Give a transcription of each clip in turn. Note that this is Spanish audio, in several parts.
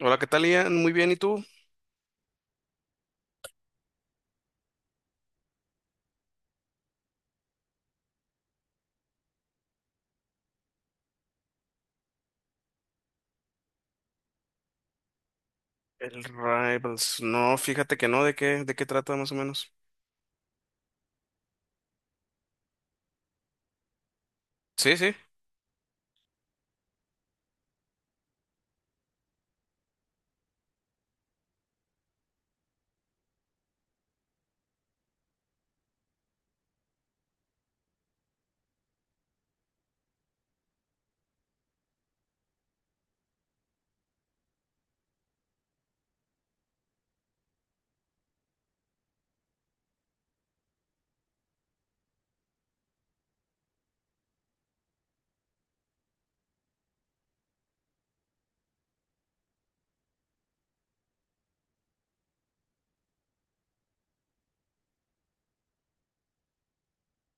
Hola, ¿qué tal, Ian? Muy bien, ¿y tú? El Rivals. No, fíjate que no, de qué trata más o menos? Sí, sí.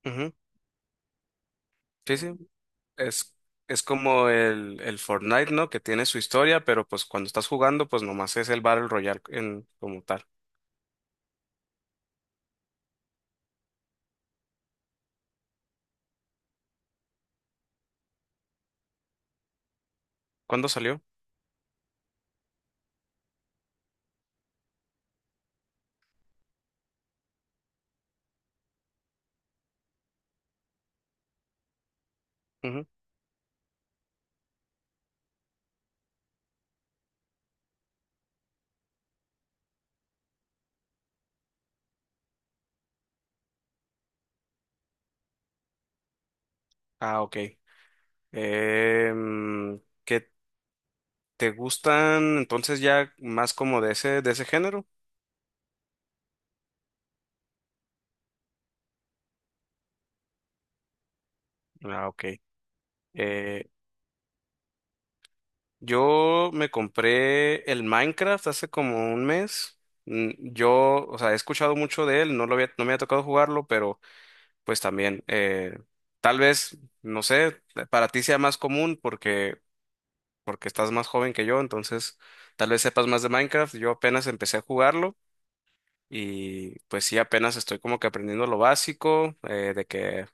Ujú. Sí, sí. Es, es como el Fortnite, ¿no? Que tiene su historia, pero pues cuando estás jugando, pues nomás es el Battle Royale en, como tal. ¿Cuándo salió? Ujú. Ah, ok. ¿Qué te gustan entonces ya más como de ese género? Ah, ok. Eh, Yo me compré el Minecraft hace como un mes. Yo, o sea, he escuchado mucho de él, no lo había, no me ha tocado jugarlo, pero pues también, tal vez, no sé, para ti sea más común porque, porque estás más joven que yo, entonces tal vez sepas más de Minecraft. Yo apenas empecé a jugarlo y pues sí, apenas estoy como que aprendiendo lo básico, de que,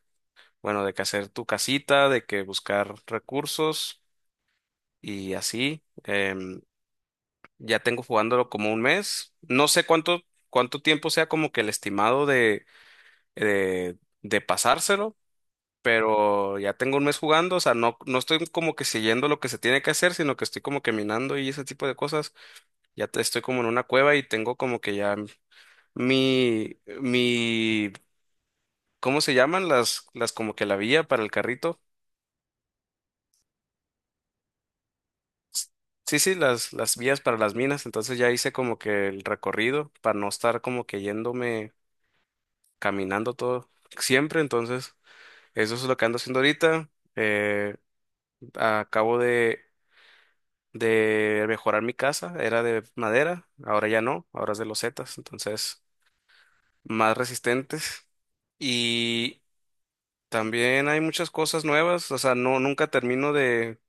bueno, de que hacer tu casita, de que buscar recursos y así. Ya tengo jugándolo como un mes. No sé cuánto, cuánto tiempo sea como que el estimado de, de pasárselo, pero ya tengo un mes jugando. O sea, no, no estoy como que siguiendo lo que se tiene que hacer, sino que estoy como que minando y ese tipo de cosas. Estoy como en una cueva y tengo como que ya mi, ¿cómo se llaman? Las como que la vía para el carrito. Sí, sí, las vías para las minas. Entonces ya hice como que el recorrido para no estar como que yéndome caminando todo siempre, entonces eso es lo que ando haciendo ahorita. Eh, Acabo de mejorar mi casa, era de madera, ahora ya no, ahora es de losetas, entonces más resistentes. Y también hay muchas cosas nuevas, o sea, no, nunca termino de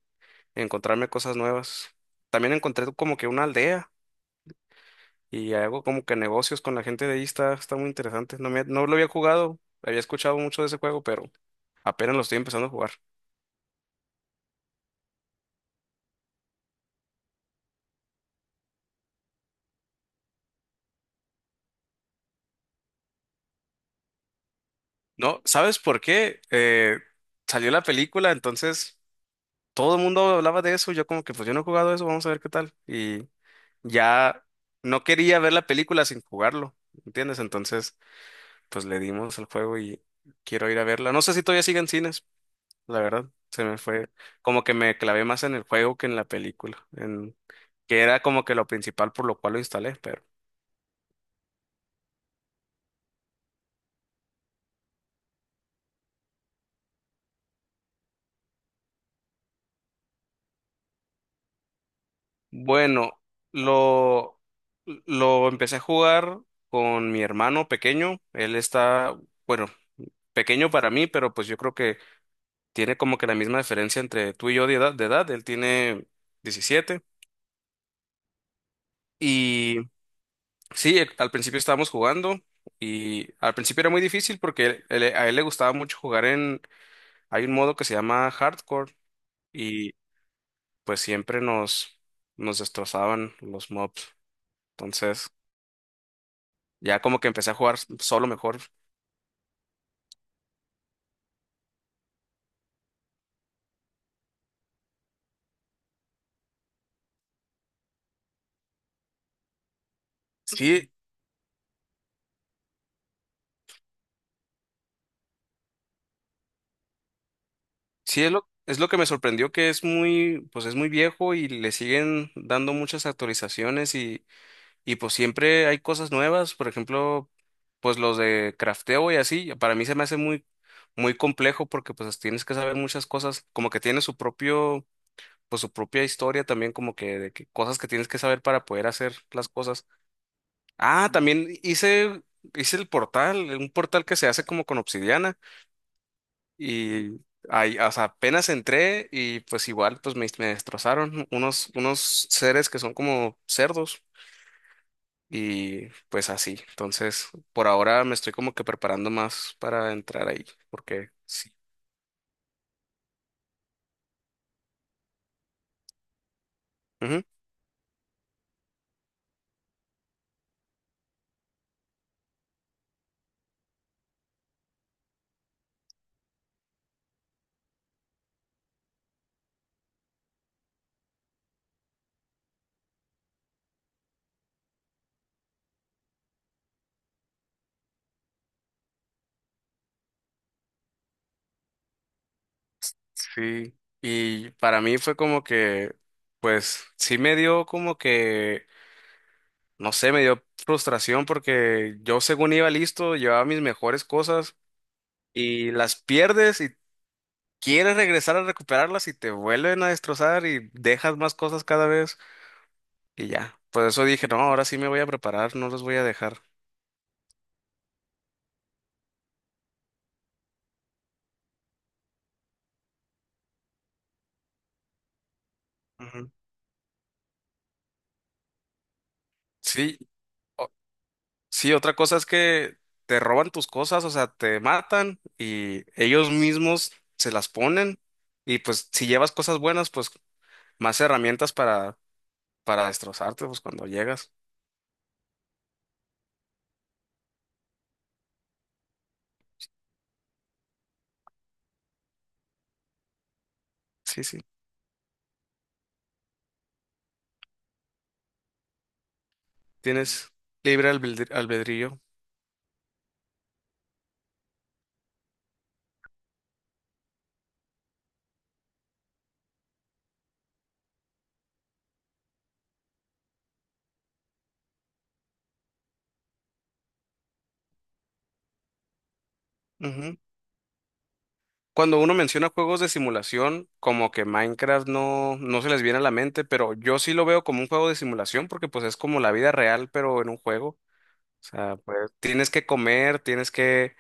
encontrarme cosas nuevas. También encontré como que una aldea y hago como que negocios con la gente de ahí, está, está muy interesante. No me, no lo había jugado, había escuchado mucho de ese juego, pero apenas lo estoy empezando a jugar. No, ¿sabes por qué? Salió la película, entonces todo el mundo hablaba de eso. Yo como que pues yo no he jugado eso, vamos a ver qué tal. Y ya no quería ver la película sin jugarlo, ¿entiendes? Entonces pues le dimos el juego y quiero ir a verla. No sé si todavía sigue en cines, la verdad. Se me fue como que me clavé más en el juego que en la película, en que era como que lo principal por lo cual lo instalé, pero... Bueno, lo, lo empecé a jugar con mi hermano pequeño. Él está, bueno, pequeño para mí, pero pues yo creo que tiene como que la misma diferencia entre tú y yo de edad, de edad. Él tiene 17. Y sí, al principio estábamos jugando y al principio era muy difícil porque a él le gustaba mucho jugar en, hay un modo que se llama Hardcore y pues siempre nos, nos destrozaban los mobs. Entonces... Ya como que empecé a jugar solo mejor. Sí, sí es lo que me sorprendió que es muy, pues es muy viejo y le siguen dando muchas actualizaciones y pues siempre hay cosas nuevas, por ejemplo, pues los de crafteo y así, para mí se me hace muy, muy complejo porque pues tienes que saber muchas cosas, como que tiene su propio, pues su propia historia también, como que, de que cosas que tienes que saber para poder hacer las cosas. Ah, también hice, hice el portal, un portal que se hace como con obsidiana. Y ahí, o sea, apenas entré y pues igual pues me destrozaron unos, unos seres que son como cerdos y pues así. Entonces, por ahora me estoy como que preparando más para entrar ahí, porque sí. Ujú. Sí, y para mí fue como que, pues sí me dio como que, no sé, me dio frustración porque yo según iba listo, llevaba mis mejores cosas y las pierdes y quieres regresar a recuperarlas y te vuelven a destrozar y dejas más cosas cada vez y ya. Por eso dije, no, ahora sí me voy a preparar, no los voy a dejar. Ujú. Sí, o- sí, otra cosa es que te roban tus cosas, o sea, te matan y ellos mismos se las ponen y pues si llevas cosas buenas, pues más herramientas para destrozarte, pues cuando llegas. Sí, sí, tienes albedrío. Cuando uno menciona juegos de simulación, como que Minecraft no, no se les viene a la mente, pero yo sí lo veo como un juego de simulación porque pues es como la vida real, pero en un juego. O sea, pues tienes que comer, tienes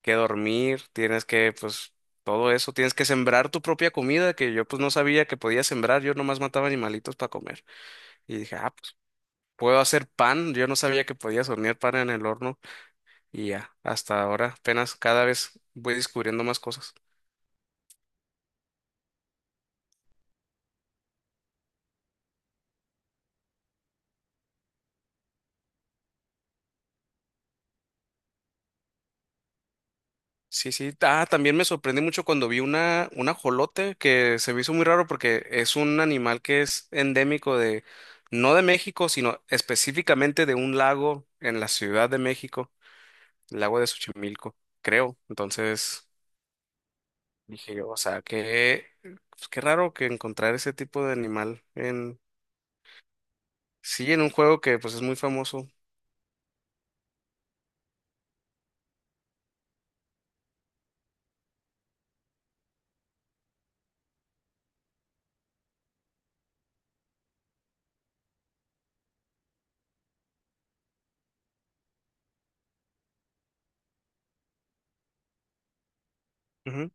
que dormir, tienes que, pues, todo eso, tienes que sembrar tu propia comida, que yo pues no sabía que podía sembrar, yo nomás mataba animalitos para comer. Y dije, ah, pues puedo hacer pan, yo no sabía que podías hornear pan en el horno y ya, hasta ahora apenas cada vez voy descubriendo más cosas. Sí, sí. Ah, también me sorprendí mucho cuando vi una, un ajolote que se me hizo muy raro porque es un animal que es endémico de, no de México, sino específicamente de un lago en la Ciudad de México, el lago de Xochimilco, creo. Entonces dije yo, o sea, que pues, qué raro que encontrar ese tipo de animal en, sí, en un juego que pues es muy famoso. Ujú.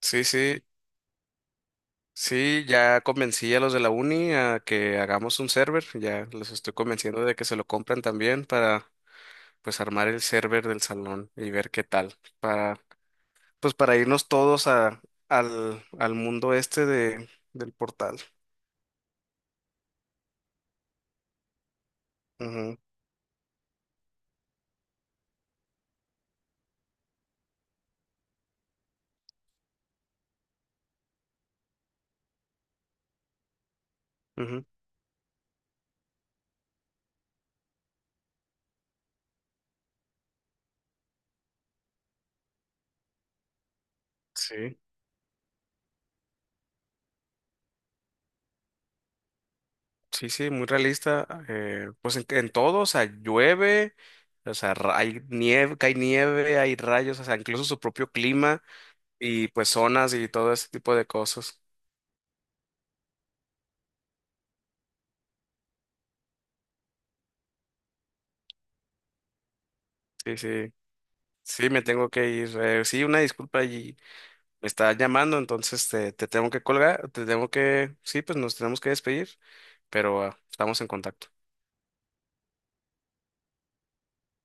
Sí, sí. Sí, ya convencí a los de la uni a que hagamos un server, ya los estoy convenciendo de que se lo compren también para pues armar el server del salón y ver qué tal, para pues para irnos todos a, al, al mundo este de, del portal. Ujú, ujú. Sí, sí, sí, muy realista. Pues en todo, o sea, llueve, o sea, hay nieve, cae nieve, hay rayos, o sea, incluso su propio clima y pues zonas y todo ese tipo de cosas. Sí, sí. Sí, me tengo que ir. Sí, una disculpa y me está llamando, entonces te tengo que colgar, te tengo que, sí, pues nos tenemos que despedir, pero ah, estamos en contacto.